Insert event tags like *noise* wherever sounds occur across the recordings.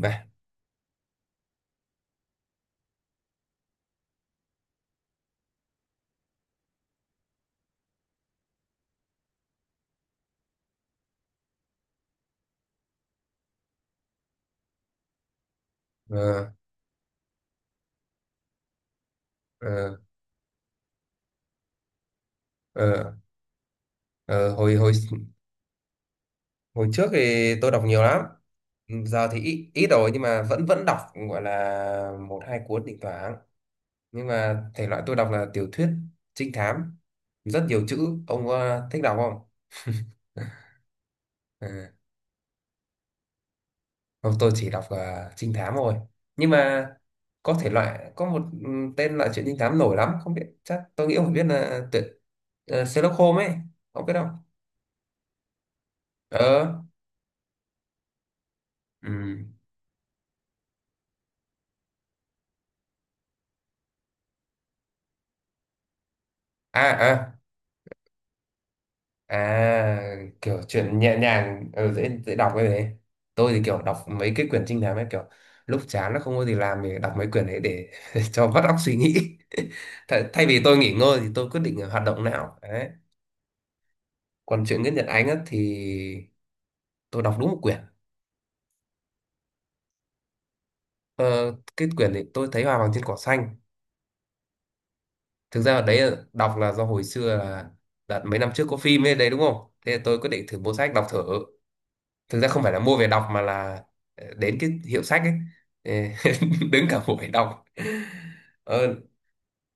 Và Ờ, ờ, ờ, ờ, hồi hồi hồi trước thì tôi đọc nhiều lắm. Giờ thì ít ít rồi nhưng mà vẫn vẫn đọc gọi là một hai cuốn thỉnh thoảng. Nhưng mà thể loại tôi đọc là tiểu thuyết trinh thám, rất nhiều chữ. Ông thích đọc không? *laughs* Ừ. Không, tôi chỉ đọc trinh thám thôi. Nhưng mà có thể loại, có một tên loại truyện trinh thám nổi lắm, không biết, chắc tôi nghĩ ông phải biết, là tuyệt Sherlock Holmes ấy, ông biết không? Ờ. Ừ. À, à À, kiểu chuyện nhẹ nhàng, dễ dễ đọc cái đấy. Tôi thì kiểu đọc mấy cái quyển trinh thám ấy, kiểu lúc chán nó không có gì làm thì đọc mấy quyển đấy để *laughs* cho vắt óc suy nghĩ. *laughs* Thay vì tôi nghỉ ngơi thì tôi quyết định hoạt động não. Đấy. Còn chuyện Nguyễn Nhật Ánh á, thì tôi đọc đúng một quyển. Ờ, cái quyển này tôi thấy Hoa vàng trên cỏ xanh. Thực ra ở đấy đọc là do hồi xưa là đợt mấy năm trước có phim ấy đấy, đúng không? Thế là tôi quyết định thử mua sách đọc thử. Thực ra không phải là mua về đọc mà là đến cái hiệu sách ấy. Ờ, *laughs* đứng cả buổi đọc. ờ,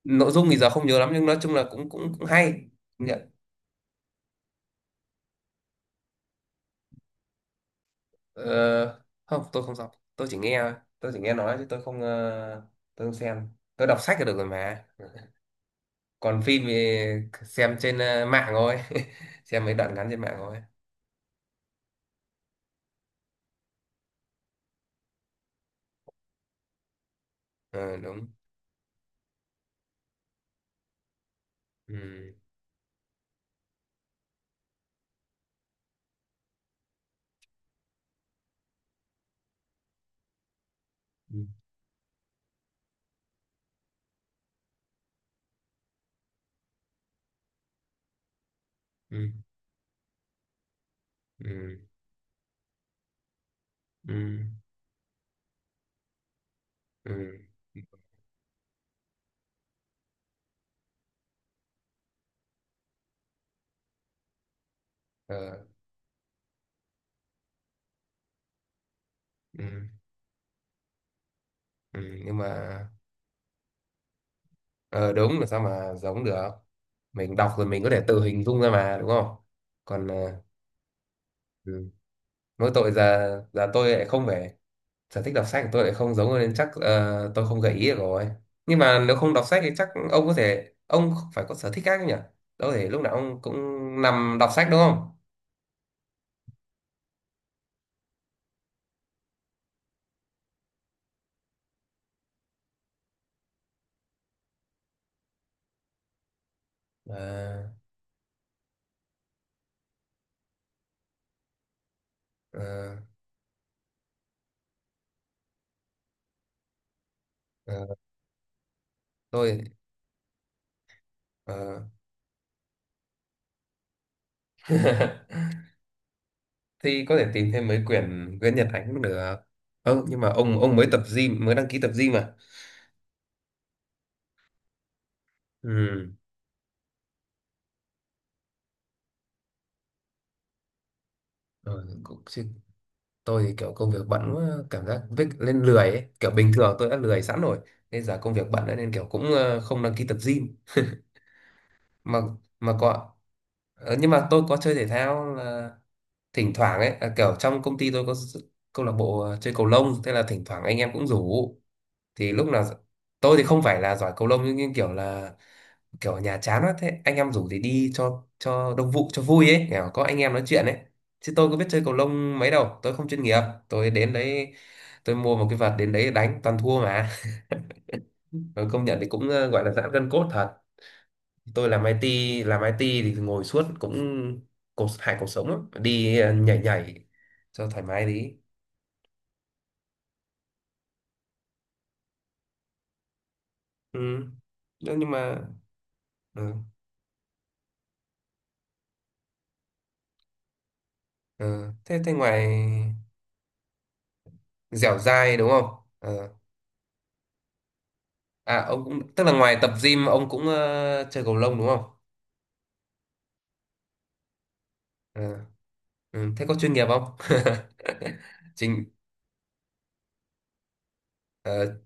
nội dung thì giờ không nhớ lắm nhưng nói chung là cũng cũng cũng hay. Công nhận. Ờ, Không, tôi không đọc, Tôi chỉ nghe nói chứ tôi không tôi không xem. Tôi đọc sách là được rồi mà. Còn phim thì xem trên mạng thôi. *laughs* Xem mấy đoạn ngắn trên mạng thôi. Ờ, đúng. Ừ, ừ, ừ, ừ, ừ, ừ. Ờ, ừ, ừ, ừ, Nhưng mà Ờ đúng là sao mà giống được. Mình đọc rồi mình có thể tự hình dung ra mà, đúng không? Còn ừ. Mỗi tội giờ giờ tôi lại không phải, sở thích đọc sách của tôi lại không giống nên chắc tôi không gợi ý được rồi. Nhưng mà nếu không đọc sách thì chắc ông có thể, ông phải có sở thích khác nhỉ? Đâu thể lúc nào ông cũng nằm đọc sách, đúng không? Ờ, ờ, ờ, tôi ờ. *laughs* Thì có thể tìm thêm mấy quyển Nguyễn Nhật Ánh cũng được. Ừ, nhưng mà ông mới tập gym, mới đăng ký tập gym mà. Ừ. Rồi, cũng, chứ tôi thì kiểu công việc bận quá, cảm giác vích lên lười ấy. Kiểu bình thường tôi đã lười sẵn rồi nên giờ công việc bận nữa nên kiểu cũng không đăng ký tập gym. Mà mà có nhưng mà tôi có chơi thể thao, là thỉnh thoảng ấy, là kiểu trong công ty tôi có câu lạc bộ chơi cầu lông. Thế là thỉnh thoảng anh em cũng rủ, thì lúc nào tôi thì không phải là giỏi cầu lông nhưng kiểu là kiểu ở nhà chán quá thế anh em rủ thì đi cho đông vụ cho vui ấy, kiểu có anh em nói chuyện ấy, chứ tôi có biết chơi cầu lông mấy đâu, tôi không chuyên nghiệp. Tôi đến đấy, tôi mua một cái vợt đến đấy đánh toàn thua mà. *laughs* Rồi, công nhận thì cũng gọi là giãn gân cốt thật. Tôi làm IT, làm IT thì ngồi suốt cũng cột hại cuộc sống lắm, đi nhảy nhảy cho thoải mái đi. Ừ. nhưng mà Ừ. Ừ. thế thế ngoài, dẻo dai đúng không? Ờ. À, ông cũng tức là ngoài tập gym ông cũng chơi cầu lông đúng không? À, ừ, thế có chuyên nghiệp không? *laughs* Chính ờ,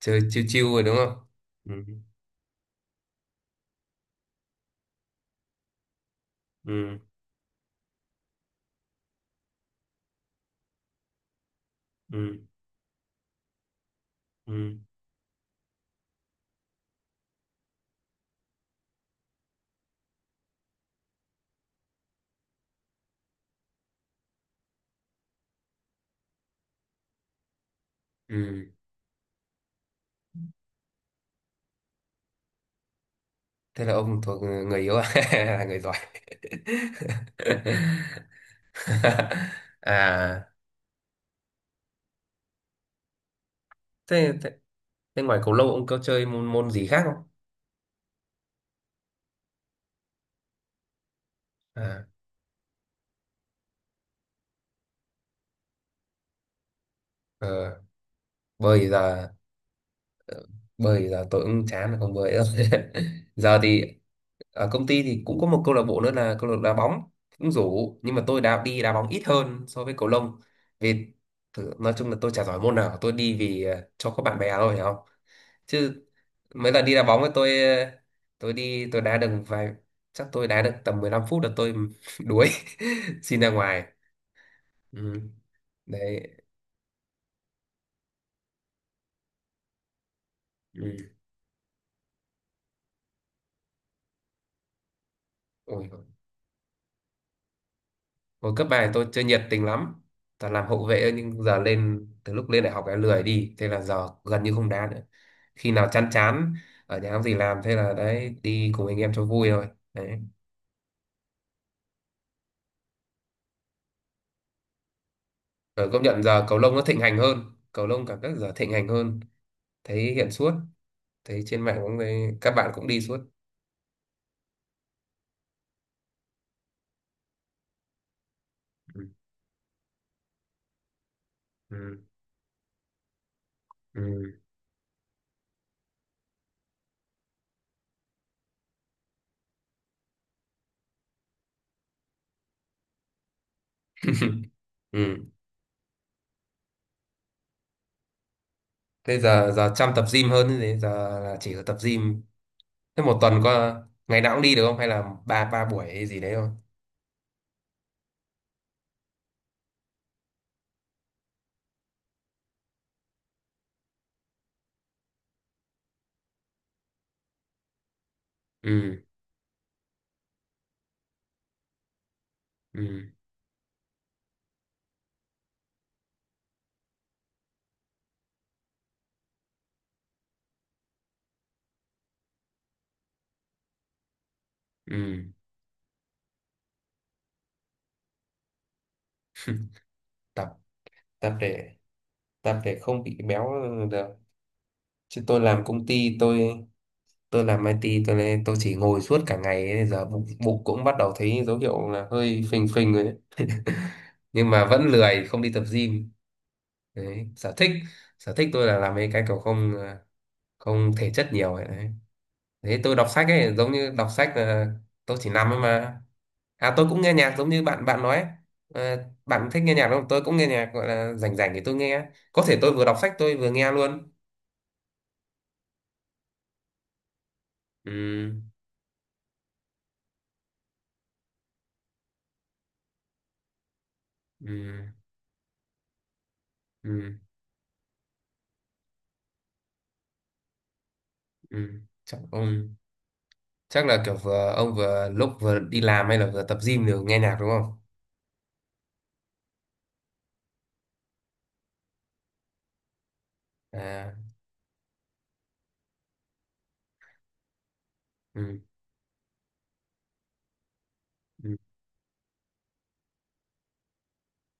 chơi chiêu chiêu rồi đúng không? Ừ, ừ, ừ, ừ, ừ. Thế là ông thuộc người yếu à? *laughs* Là người giỏi. *laughs* À, thế, thế, thế ngoài cầu lông ông có chơi môn môn gì khác không? À ờ, bơi là, Ờ, bơi giờ tôi cũng chán rồi, không bơi đâu. *laughs* Giờ thì ở công ty thì cũng có một câu lạc bộ nữa là câu lạc bộ đá bóng, cũng rủ nhưng mà tôi đã đi đá bóng ít hơn so với cầu lông, vì thử, nói chung là tôi chả giỏi môn nào, tôi đi vì cho có bạn bè thôi, hiểu không? Chứ mấy lần đi đá bóng ấy tôi tôi đi tôi đá được vài, chắc tôi đá được tầm 15 phút là tôi *laughs* đuối *laughs* xin ra ngoài. Ừ. Đấy. Ừ. Ôi, hồi cấp 3 thì tôi chơi nhiệt tình lắm. Toàn làm hậu vệ thôi, nhưng giờ lên, từ lúc lên đại học em lười đi, thế là giờ gần như không đá nữa. Khi nào chán chán ở nhà không gì làm thế là đấy, đi cùng anh em cho vui thôi. Đấy. Rồi, công nhận giờ cầu lông nó thịnh hành hơn, cầu lông cảm giác giờ thịnh hành hơn, thấy hiện suốt, thấy trên mạng cũng thấy các bạn cũng đi suốt. Ừ. Ừ. Ừ. Ừ. Thế giờ giờ chăm tập gym hơn, thế giờ là chỉ có tập gym. Thế một tuần có ngày nào cũng đi được không hay là ba ba buổi hay gì đấy không? Ừ. Ừ. Ừ. tập tập để tập để không bị béo được. Chứ tôi làm công ty, tôi làm IT, tôi lên tôi chỉ ngồi suốt cả ngày ấy, giờ bụng, bụng cũng bắt đầu thấy dấu hiệu là hơi phình phình rồi đấy. *laughs* Nhưng mà vẫn lười không đi tập gym. Đấy, sở thích tôi là làm mấy cái kiểu không, không thể chất nhiều ấy đấy. Thế tôi đọc sách ấy, giống như đọc sách là tôi chỉ nằm ấy mà. À, tôi cũng nghe nhạc giống như bạn bạn nói ấy. Ờ, bạn thích nghe nhạc đúng không? Tôi cũng nghe nhạc, gọi là rảnh rảnh thì tôi nghe. Có thể tôi vừa đọc sách tôi vừa nghe luôn. Ừ, ừ, ừ, ừ. Chắc, ừ. Chắc là kiểu vừa ông vừa lúc vừa đi làm hay là vừa tập gym đều nghe nhạc đúng không? À, ừ, ừ.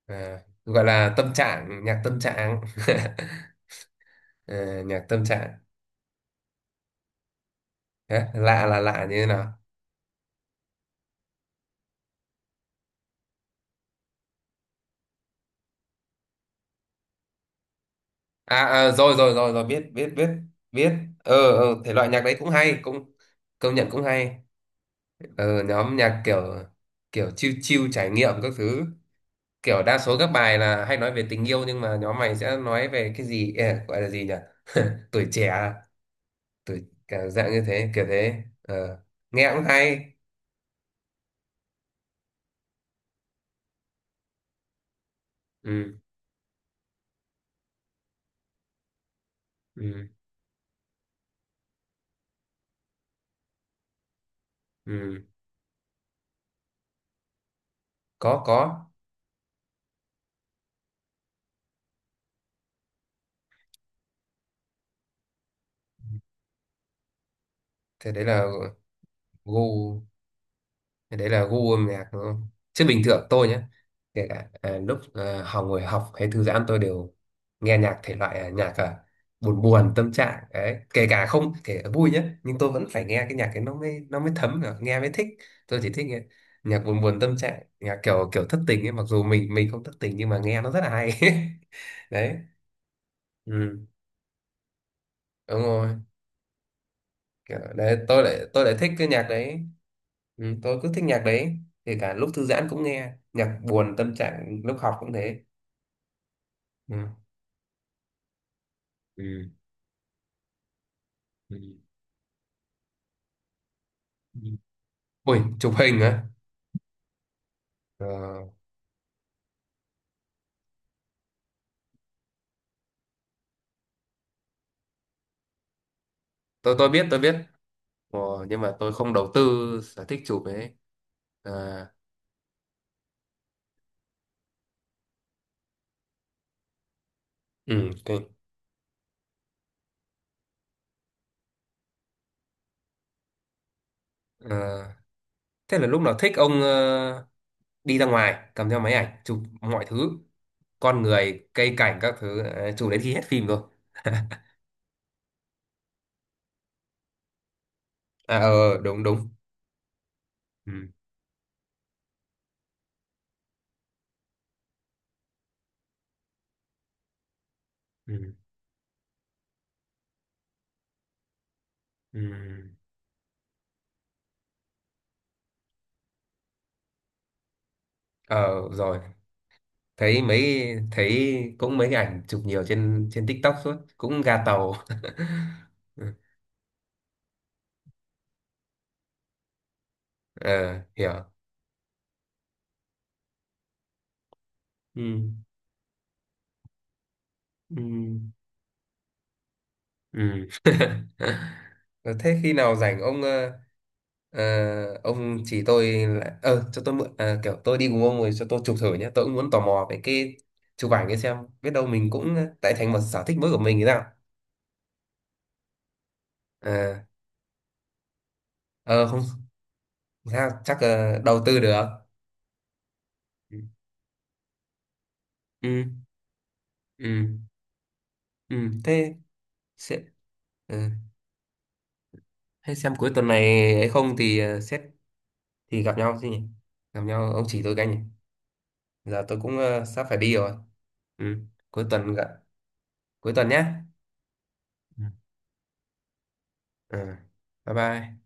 À, gọi là tâm trạng, nhạc tâm trạng. *laughs* Ờ, nhạc tâm trạng. Đấy, lạ là lạ như thế nào? À, à, rồi rồi rồi rồi, biết biết biết biết. Ờ, thể loại nhạc đấy cũng hay, cũng, công nhận cũng hay. Ừ, nhóm nhạc kiểu, chill chill trải nghiệm các thứ, kiểu đa số các bài là hay nói về tình yêu nhưng mà nhóm mày sẽ nói về cái gì, Ê, gọi là gì nhỉ? *laughs* Tuổi trẻ à? Tuổi cả dạng như thế kiểu thế. Ờ, nghe cũng hay. Ừ, ừ, ừ. Có thế, đấy là gu, cái đấy là gu âm nhạc đúng không? Chứ bình thường tôi nhé, kể cả lúc học, ngồi học hay thư giãn tôi đều nghe nhạc thể loại nhạc buồn buồn tâm trạng đấy, kể cả không, kể cả vui nhé, nhưng tôi vẫn phải nghe cái nhạc ấy nó mới, nó mới thấm được, nghe mới thích. Tôi chỉ thích nghe nhạc buồn buồn tâm trạng, nhạc kiểu kiểu thất tình ấy, mặc dù mình không thất tình nhưng mà nghe nó rất là hay. *laughs* Đấy, ừ, đúng rồi. Kiểu, đấy tôi lại thích cái nhạc đấy. Ừ, tôi cứ thích nhạc đấy, kể cả lúc thư giãn cũng nghe nhạc buồn tâm trạng, lúc học cũng thế. Ừ. Ừ. Ừ. Ừ. Ui, chụp hình á? Ờ, tôi biết, tôi biết, ờ, nhưng mà tôi không đầu tư sở thích chụp ấy. À, ừ, ok. Ờ, thế là lúc nào thích ông đi ra ngoài cầm theo máy ảnh chụp mọi thứ, con người, cây cảnh các thứ, chụp đến khi hết phim rồi. *laughs* À, đúng đúng. Ừ. Ừ. Ừ. Ờ, rồi, thấy cũng mấy cái ảnh chụp nhiều trên trên TikTok suốt, cũng ga tàu. *laughs* Ờ, hiểu. Ừ. Ừ. Ừ. Ờ, thế khi nào rảnh ông, ờ, ông chỉ tôi là cho tôi mượn, kiểu tôi đi cùng ông rồi cho tôi chụp thử nhé, tôi cũng muốn tò mò về cái chụp ảnh ấy, xem biết đâu mình cũng tại thành một sở thích mới của mình thì sao. ờ ờ Không sao, chắc đầu tư được. Ừ, ừ, ừ, ừ. Thế sẽ, ừ. Thế xem cuối tuần này ấy không thì xét thì gặp nhau chứ nhỉ? Gặp nhau ông chỉ tôi cái nhỉ? Giờ tôi cũng sắp phải đi rồi. Ừ. Cuối tuần gặp. Cuối tuần nhé. Ừ. Ừ. Bye bye.